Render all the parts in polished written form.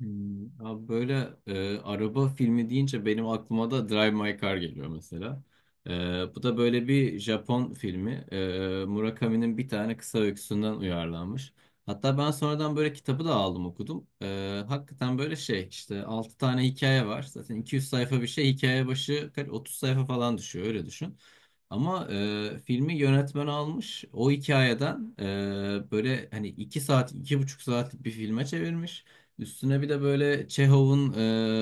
Hmm, abi böyle araba filmi deyince benim aklıma da Drive My Car geliyor mesela. Bu da böyle bir Japon filmi. Murakami'nin bir tane kısa öyküsünden uyarlanmış. Hatta ben sonradan böyle kitabı da aldım okudum. Hakikaten böyle şey işte 6 tane hikaye var. Zaten 200 sayfa bir şey hikaye başı 30 sayfa falan düşüyor öyle düşün. Ama filmi yönetmen almış. O hikayeden böyle hani 2 saat, 2,5 saatlik bir filme çevirmiş. Üstüne bir de böyle Çehov'un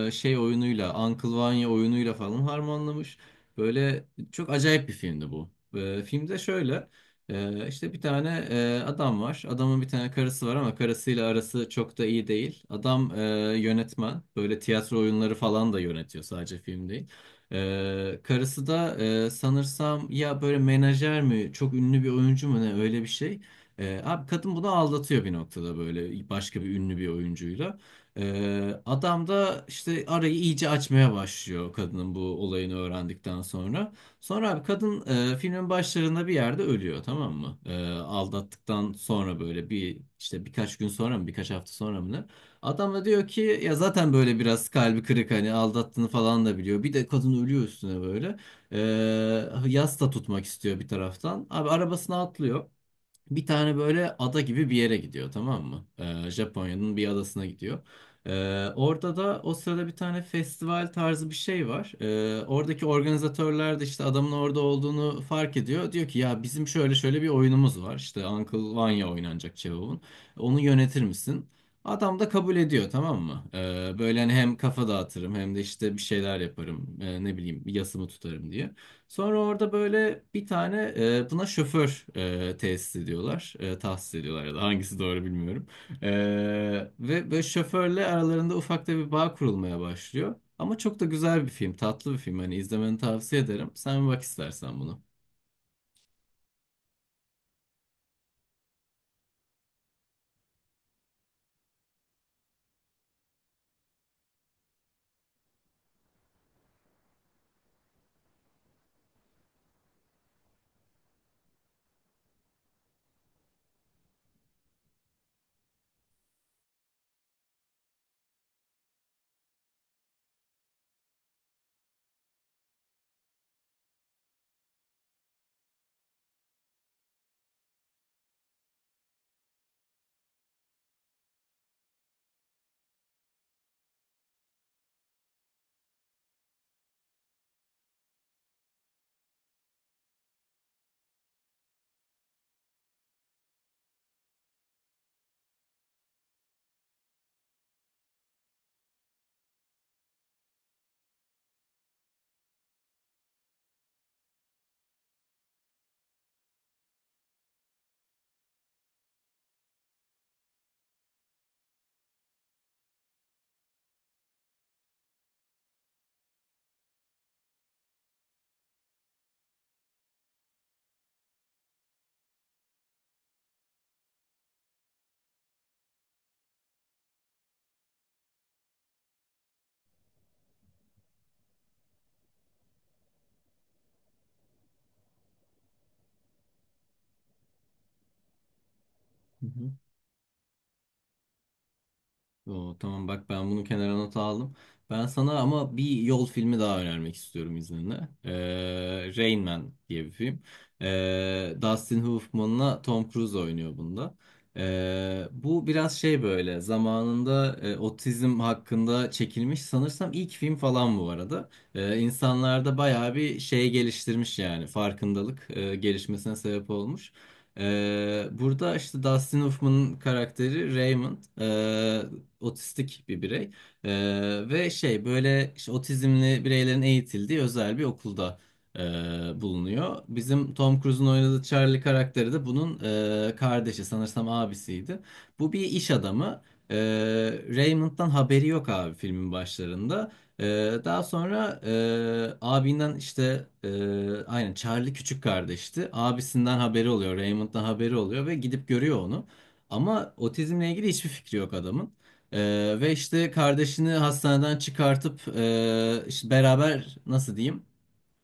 şey oyunuyla, Uncle Vanya oyunuyla falan harmanlamış. Böyle çok acayip bir filmdi bu. Filmde şöyle işte bir tane adam var. Adamın bir tane karısı var ama karısıyla arası çok da iyi değil. Adam yönetmen. Böyle tiyatro oyunları falan da yönetiyor sadece film değil. Karısı da sanırsam ya böyle menajer mi çok ünlü bir oyuncu mu ne öyle bir şey. Abi kadın bunu aldatıyor bir noktada böyle başka bir ünlü bir oyuncuyla. Adam da işte arayı iyice açmaya başlıyor kadının bu olayını öğrendikten sonra. Sonra abi kadın filmin başlarında bir yerde ölüyor tamam mı? Aldattıktan sonra böyle bir işte birkaç gün sonra mı birkaç hafta sonra mı ne? Adam da diyor ki ya zaten böyle biraz kalbi kırık hani aldattığını falan da biliyor. Bir de kadın ölüyor üstüne böyle. Ee, Yas da tutmak istiyor bir taraftan. Abi arabasına atlıyor. Bir tane böyle ada gibi bir yere gidiyor tamam mı? Japonya'nın bir adasına gidiyor. Orada da o sırada bir tane festival tarzı bir şey var. Oradaki organizatörler de işte adamın orada olduğunu fark ediyor. Diyor ki ya bizim şöyle şöyle bir oyunumuz var. İşte Uncle Vanya oynanacak Cevap'ın. Onu yönetir misin? Adam da kabul ediyor tamam mı? Böyle hani hem kafa dağıtırım hem de işte bir şeyler yaparım. Ne bileyim yasımı tutarım diye. Sonra orada böyle bir tane buna şoför tesis ediyorlar. Tahsis ediyorlar ya da hangisi doğru bilmiyorum. E, Ve böyle şoförle aralarında ufak da bir bağ kurulmaya başlıyor. Ama çok da güzel bir film, tatlı bir film. Hani izlemeni tavsiye ederim. Sen bir bak istersen bunu. Hı hı. Oo, tamam bak ben bunu kenara not aldım. Ben sana ama bir yol filmi daha önermek istiyorum izninle. Rain Man diye bir film. Dustin Hoffman'la Tom Cruise oynuyor bunda. Bu biraz şey böyle zamanında otizm hakkında çekilmiş sanırsam ilk film falan bu arada. İnsanlarda bayağı bir şey geliştirmiş yani farkındalık gelişmesine sebep olmuş. Burada işte Dustin Hoffman'ın karakteri Raymond otistik bir birey. Ee, Ve şey böyle işte otizmli bireylerin eğitildiği özel bir okulda e, bulunuyor. Bizim Tom Cruise'un oynadığı Charlie karakteri de bunun kardeşi sanırsam abisiydi. Bu bir iş adamı. Ee, Raymond'dan haberi yok abi filmin başlarında. Ee, Daha sonra abinden işte aynen Charlie küçük kardeşti. Abisinden haberi oluyor, Raymond'dan haberi oluyor ve gidip görüyor onu. Ama otizmle ilgili hiçbir fikri yok adamın. Ve işte kardeşini hastaneden çıkartıp işte beraber nasıl diyeyim?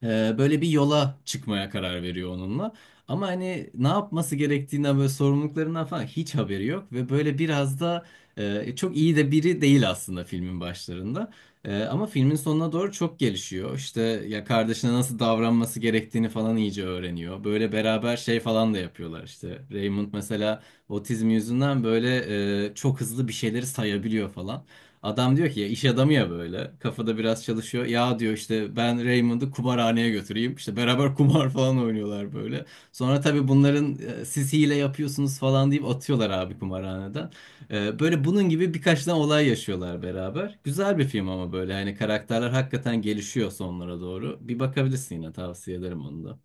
Böyle bir yola çıkmaya karar veriyor onunla. Ama hani ne yapması gerektiğinden böyle sorumluluklarından falan hiç haberi yok ve böyle biraz da çok iyi de biri değil aslında filmin başlarında. Ama filmin sonuna doğru çok gelişiyor. İşte ya kardeşine nasıl davranması gerektiğini falan iyice öğreniyor. Böyle beraber şey falan da yapıyorlar işte. Raymond mesela otizm yüzünden böyle çok hızlı bir şeyleri sayabiliyor falan. Adam diyor ki ya iş adamı ya böyle kafada biraz çalışıyor. Ya diyor işte ben Raymond'ı kumarhaneye götüreyim. İşte beraber kumar falan oynuyorlar böyle. Sonra tabii bunların siz hile yapıyorsunuz falan deyip atıyorlar abi kumarhaneden. Böyle bunun gibi birkaç tane olay yaşıyorlar beraber. Güzel bir film ama böyle hani karakterler hakikaten gelişiyor sonlara doğru. Bir bakabilirsin yine tavsiye ederim onu da.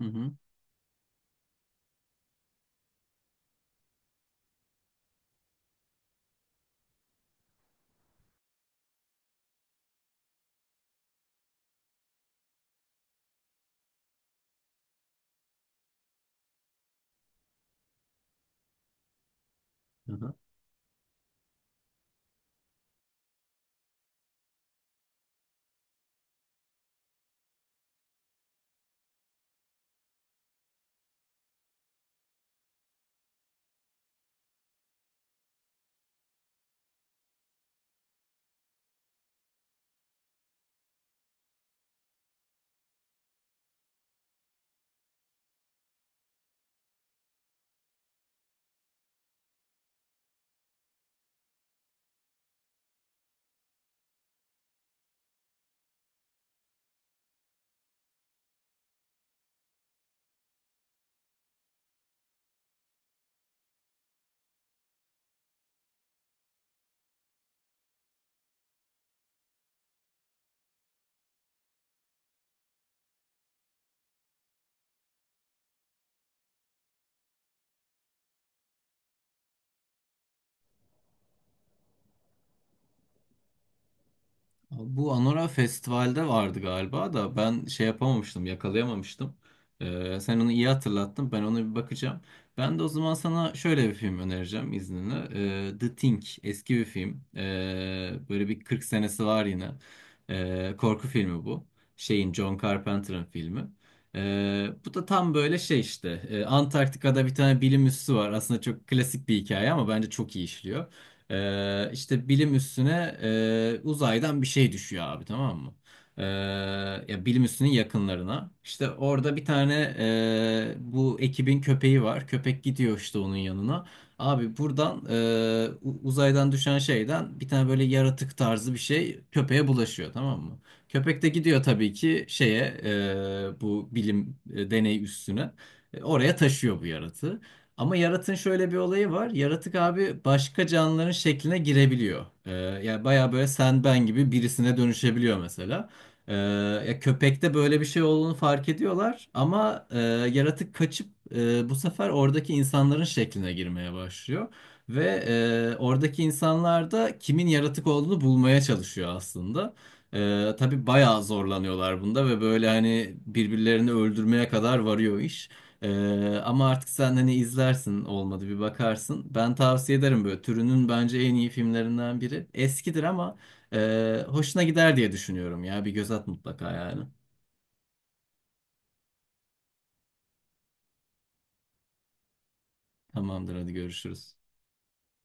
Hı hı. Aha. Bu Anora Festival'de vardı galiba da ben şey yapamamıştım, yakalayamamıştım. Sen onu iyi hatırlattın, ben ona bir bakacağım. Ben de o zaman sana şöyle bir film önereceğim izninle. The Thing, eski bir film. Böyle bir 40 senesi var yine. Korku filmi bu. Şeyin, John Carpenter'ın filmi. Bu da tam böyle şey işte. Antarktika'da bir tane bilim üssü var. Aslında çok klasik bir hikaye ama bence çok iyi işliyor. İşte bilim üstüne uzaydan bir şey düşüyor abi tamam mı? Ee, Ya bilim üstünün yakınlarına. İşte orada bir tane bu ekibin köpeği var. Köpek gidiyor işte onun yanına. Abi buradan uzaydan düşen şeyden bir tane böyle yaratık tarzı bir şey köpeğe bulaşıyor tamam mı? Köpek de gidiyor tabii ki şeye bu bilim deney üstüne. Oraya taşıyor bu yaratığı. Ama yaratığın şöyle bir olayı var. Yaratık abi başka canlıların şekline girebiliyor. Yani baya böyle sen ben gibi birisine dönüşebiliyor mesela. Ee, Ya köpekte böyle bir şey olduğunu fark ediyorlar ama yaratık kaçıp bu sefer oradaki insanların şekline girmeye başlıyor. Ve oradaki insanlar da kimin yaratık olduğunu bulmaya çalışıyor aslında. Tabii bayağı zorlanıyorlar bunda ve böyle hani birbirlerini öldürmeye kadar varıyor iş. Ama artık sen hani izlersin olmadı bir bakarsın. Ben tavsiye ederim böyle türünün bence en iyi filmlerinden biri. Eskidir ama hoşuna gider diye düşünüyorum ya bir göz at mutlaka yani. Tamamdır hadi görüşürüz.